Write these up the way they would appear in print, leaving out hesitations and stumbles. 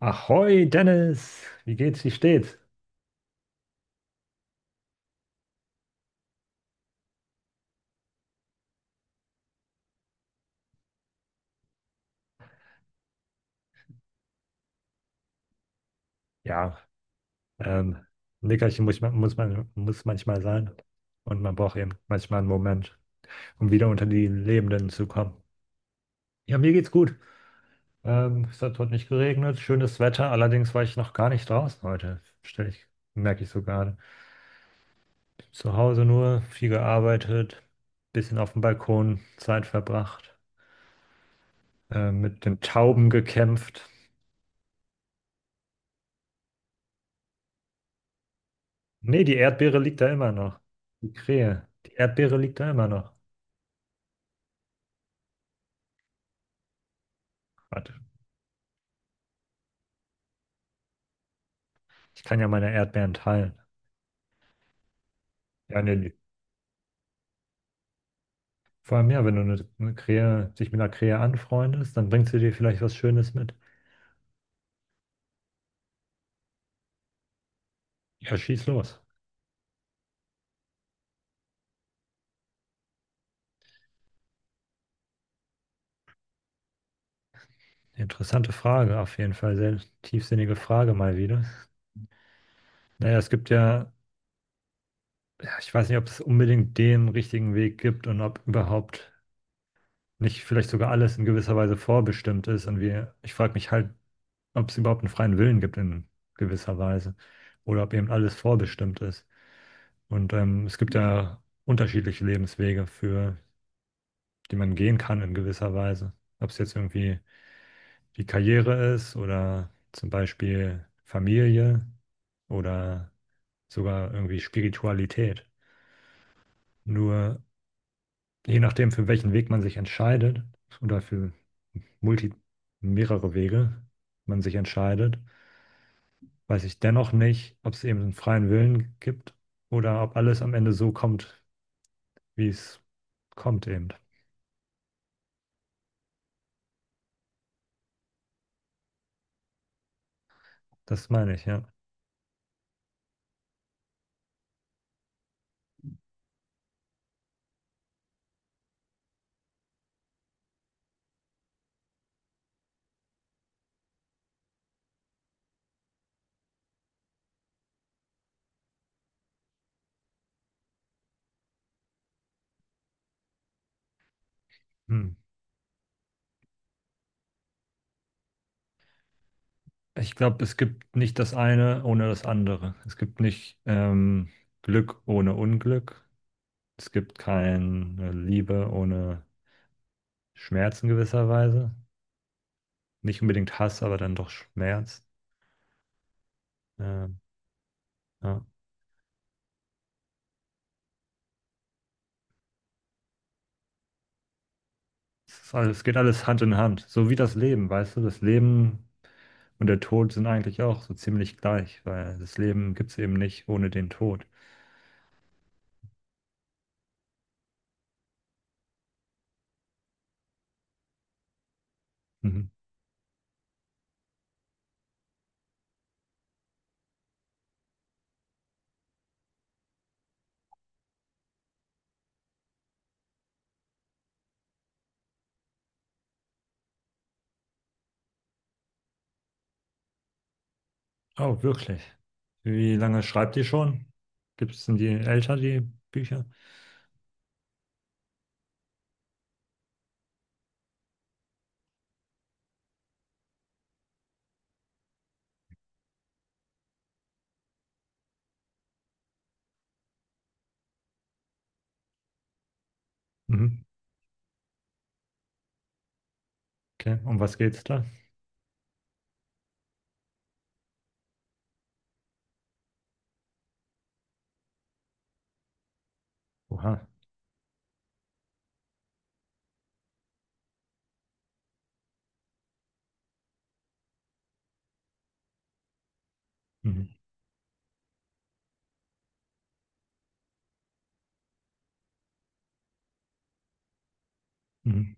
Ahoi, Dennis! Wie geht's? Wie steht's? Ja, ähm, ein Nickerchen muss manchmal sein. Und man braucht eben manchmal einen Moment, um wieder unter die Lebenden zu kommen. Ja, mir geht's gut. Es hat heute nicht geregnet, schönes Wetter. Allerdings war ich noch gar nicht draußen heute. Merke ich so gerade. Zu Hause nur, viel gearbeitet, bisschen auf dem Balkon Zeit verbracht, mit den Tauben gekämpft. Nee, die Erdbeere liegt da immer noch. Die Krähe. Die Erdbeere liegt da immer noch. Warte, ich kann ja meine Erdbeeren teilen. Ja, nee, vor allem ja, wenn du dich mit einer Krähe anfreundest, dann bringt sie dir vielleicht was Schönes mit. Ja, schieß los. Interessante Frage, auf jeden Fall. Sehr tiefsinnige Frage mal wieder. Naja, ja, ich weiß nicht, ob es unbedingt den richtigen Weg gibt und ob überhaupt nicht vielleicht sogar alles in gewisser Weise vorbestimmt ist. Ich frage mich halt, ob es überhaupt einen freien Willen gibt in gewisser Weise oder ob eben alles vorbestimmt ist. Und es gibt ja unterschiedliche Lebenswege, für die man gehen kann in gewisser Weise. Ob es jetzt irgendwie die Karriere ist oder zum Beispiel Familie oder sogar irgendwie Spiritualität. Nur je nachdem, für welchen Weg man sich entscheidet oder für multi mehrere Wege man sich entscheidet, weiß ich dennoch nicht, ob es eben einen freien Willen gibt oder ob alles am Ende so kommt, wie es kommt eben. Das meine ich, ja. Hm. Ich glaube, es gibt nicht das eine ohne das andere. Es gibt nicht Glück ohne Unglück. Es gibt keine Liebe ohne Schmerz in gewisser Weise. Nicht unbedingt Hass, aber dann doch Schmerz. Ähm, ja. Es ist alles, es geht alles Hand in Hand. So wie das Leben, weißt du, das Leben und der Tod sind eigentlich auch so ziemlich gleich, weil das Leben gibt es eben nicht ohne den Tod. Mhm. Oh, wirklich? Wie lange schreibt ihr schon? Gibt es denn die Bücher? Mhm. Okay, um was geht's da? Oha. Mhm. Mhm.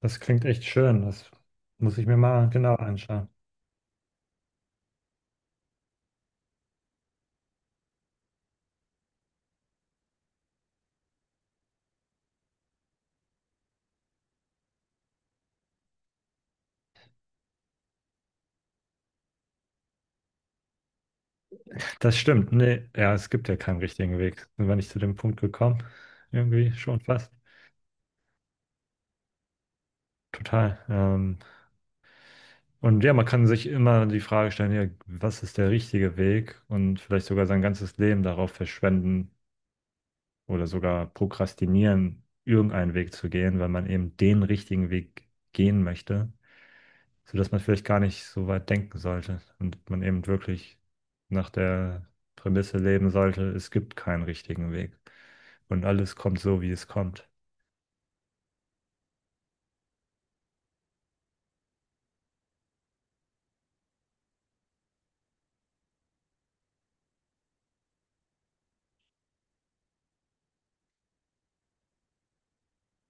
Das klingt echt schön. Das muss ich mir mal genau anschauen. Das stimmt. Nee, ja, es gibt ja keinen richtigen Weg. Sind wir nicht zu dem Punkt gekommen? Irgendwie schon fast. Total. Und ja, man kann sich immer die Frage stellen, ja, was ist der richtige Weg und vielleicht sogar sein ganzes Leben darauf verschwenden oder sogar prokrastinieren, irgendeinen Weg zu gehen, weil man eben den richtigen Weg gehen möchte, sodass man vielleicht gar nicht so weit denken sollte und man eben wirklich nach der Prämisse leben sollte, es gibt keinen richtigen Weg und alles kommt so, wie es kommt.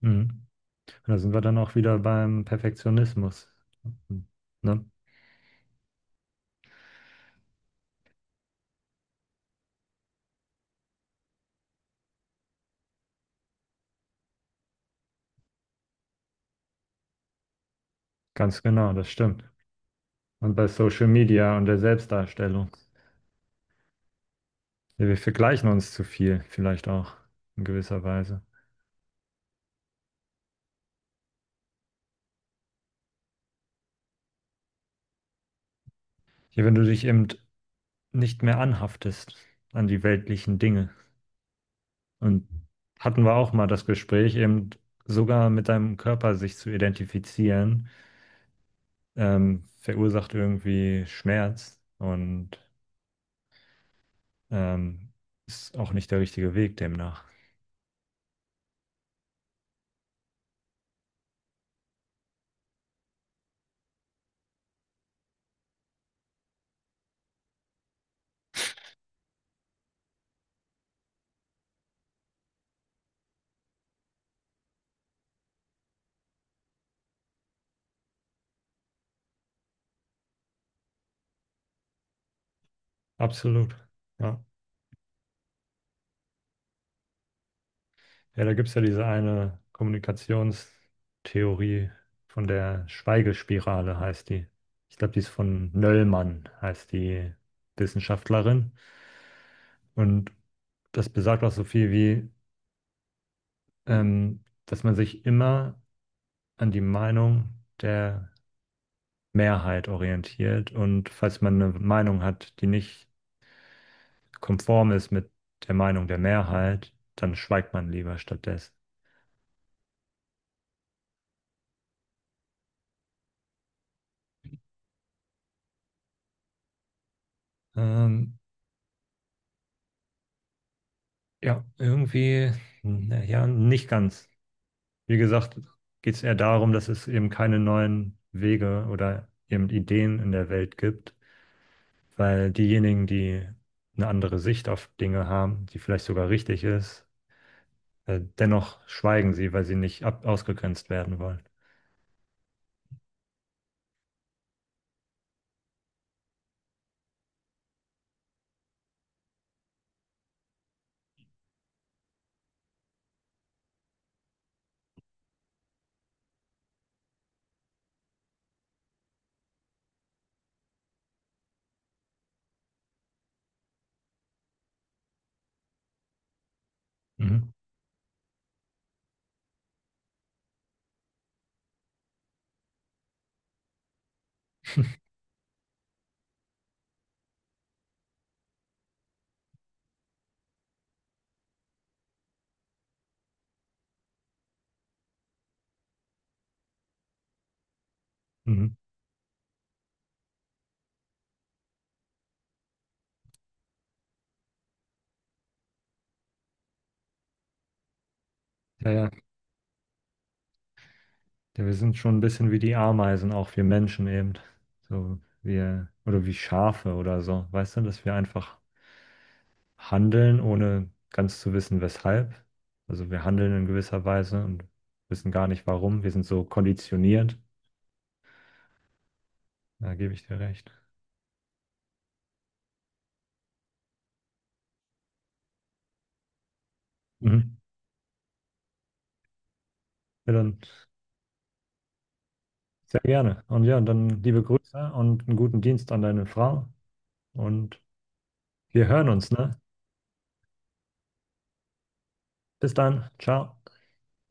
Mhm. Und da sind wir dann auch wieder beim Perfektionismus. Ne? Ganz genau, das stimmt. Und bei Social Media und der Selbstdarstellung. Ja, wir vergleichen uns zu viel, vielleicht auch in gewisser Weise. Ja, wenn du dich eben nicht mehr anhaftest an die weltlichen Dinge. Und hatten wir auch mal das Gespräch, eben sogar mit deinem Körper sich zu identifizieren, verursacht irgendwie Schmerz und ähm, ist auch nicht der richtige Weg demnach. Absolut. Ja. Ja, da gibt es ja diese eine Kommunikationstheorie von der Schweigespirale, heißt die. Ich glaube, die ist von Nöllmann, heißt die Wissenschaftlerin. Und das besagt auch so viel wie, dass man sich immer an die Meinung der Mehrheit orientiert. Und falls man eine Meinung hat, die nicht konform ist mit der Meinung der Mehrheit, dann schweigt man lieber stattdessen. Ähm, Ja, irgendwie, na ja, nicht ganz. Wie gesagt, geht es eher darum, dass es eben keine neuen Wege oder eben Ideen in der Welt gibt, weil diejenigen, die eine andere Sicht auf Dinge haben, die vielleicht sogar richtig ist, dennoch schweigen sie, weil sie nicht ab ausgegrenzt werden wollen. Mhm. Mhm. Ja, ja, ja, wir sind schon ein bisschen wie die Ameisen, auch wir Menschen eben. So, wir, oder wie Schafe oder so. Weißt du, dass wir einfach handeln, ohne ganz zu wissen, weshalb. Also wir handeln in gewisser Weise und wissen gar nicht warum. Wir sind so konditioniert. Da gebe ich dir recht. Mhm. Ja, dann sehr gerne. Und ja, dann liebe Grüße und einen guten Dienst an deine Frau. Und wir hören uns, ne? Bis dann. Ciao.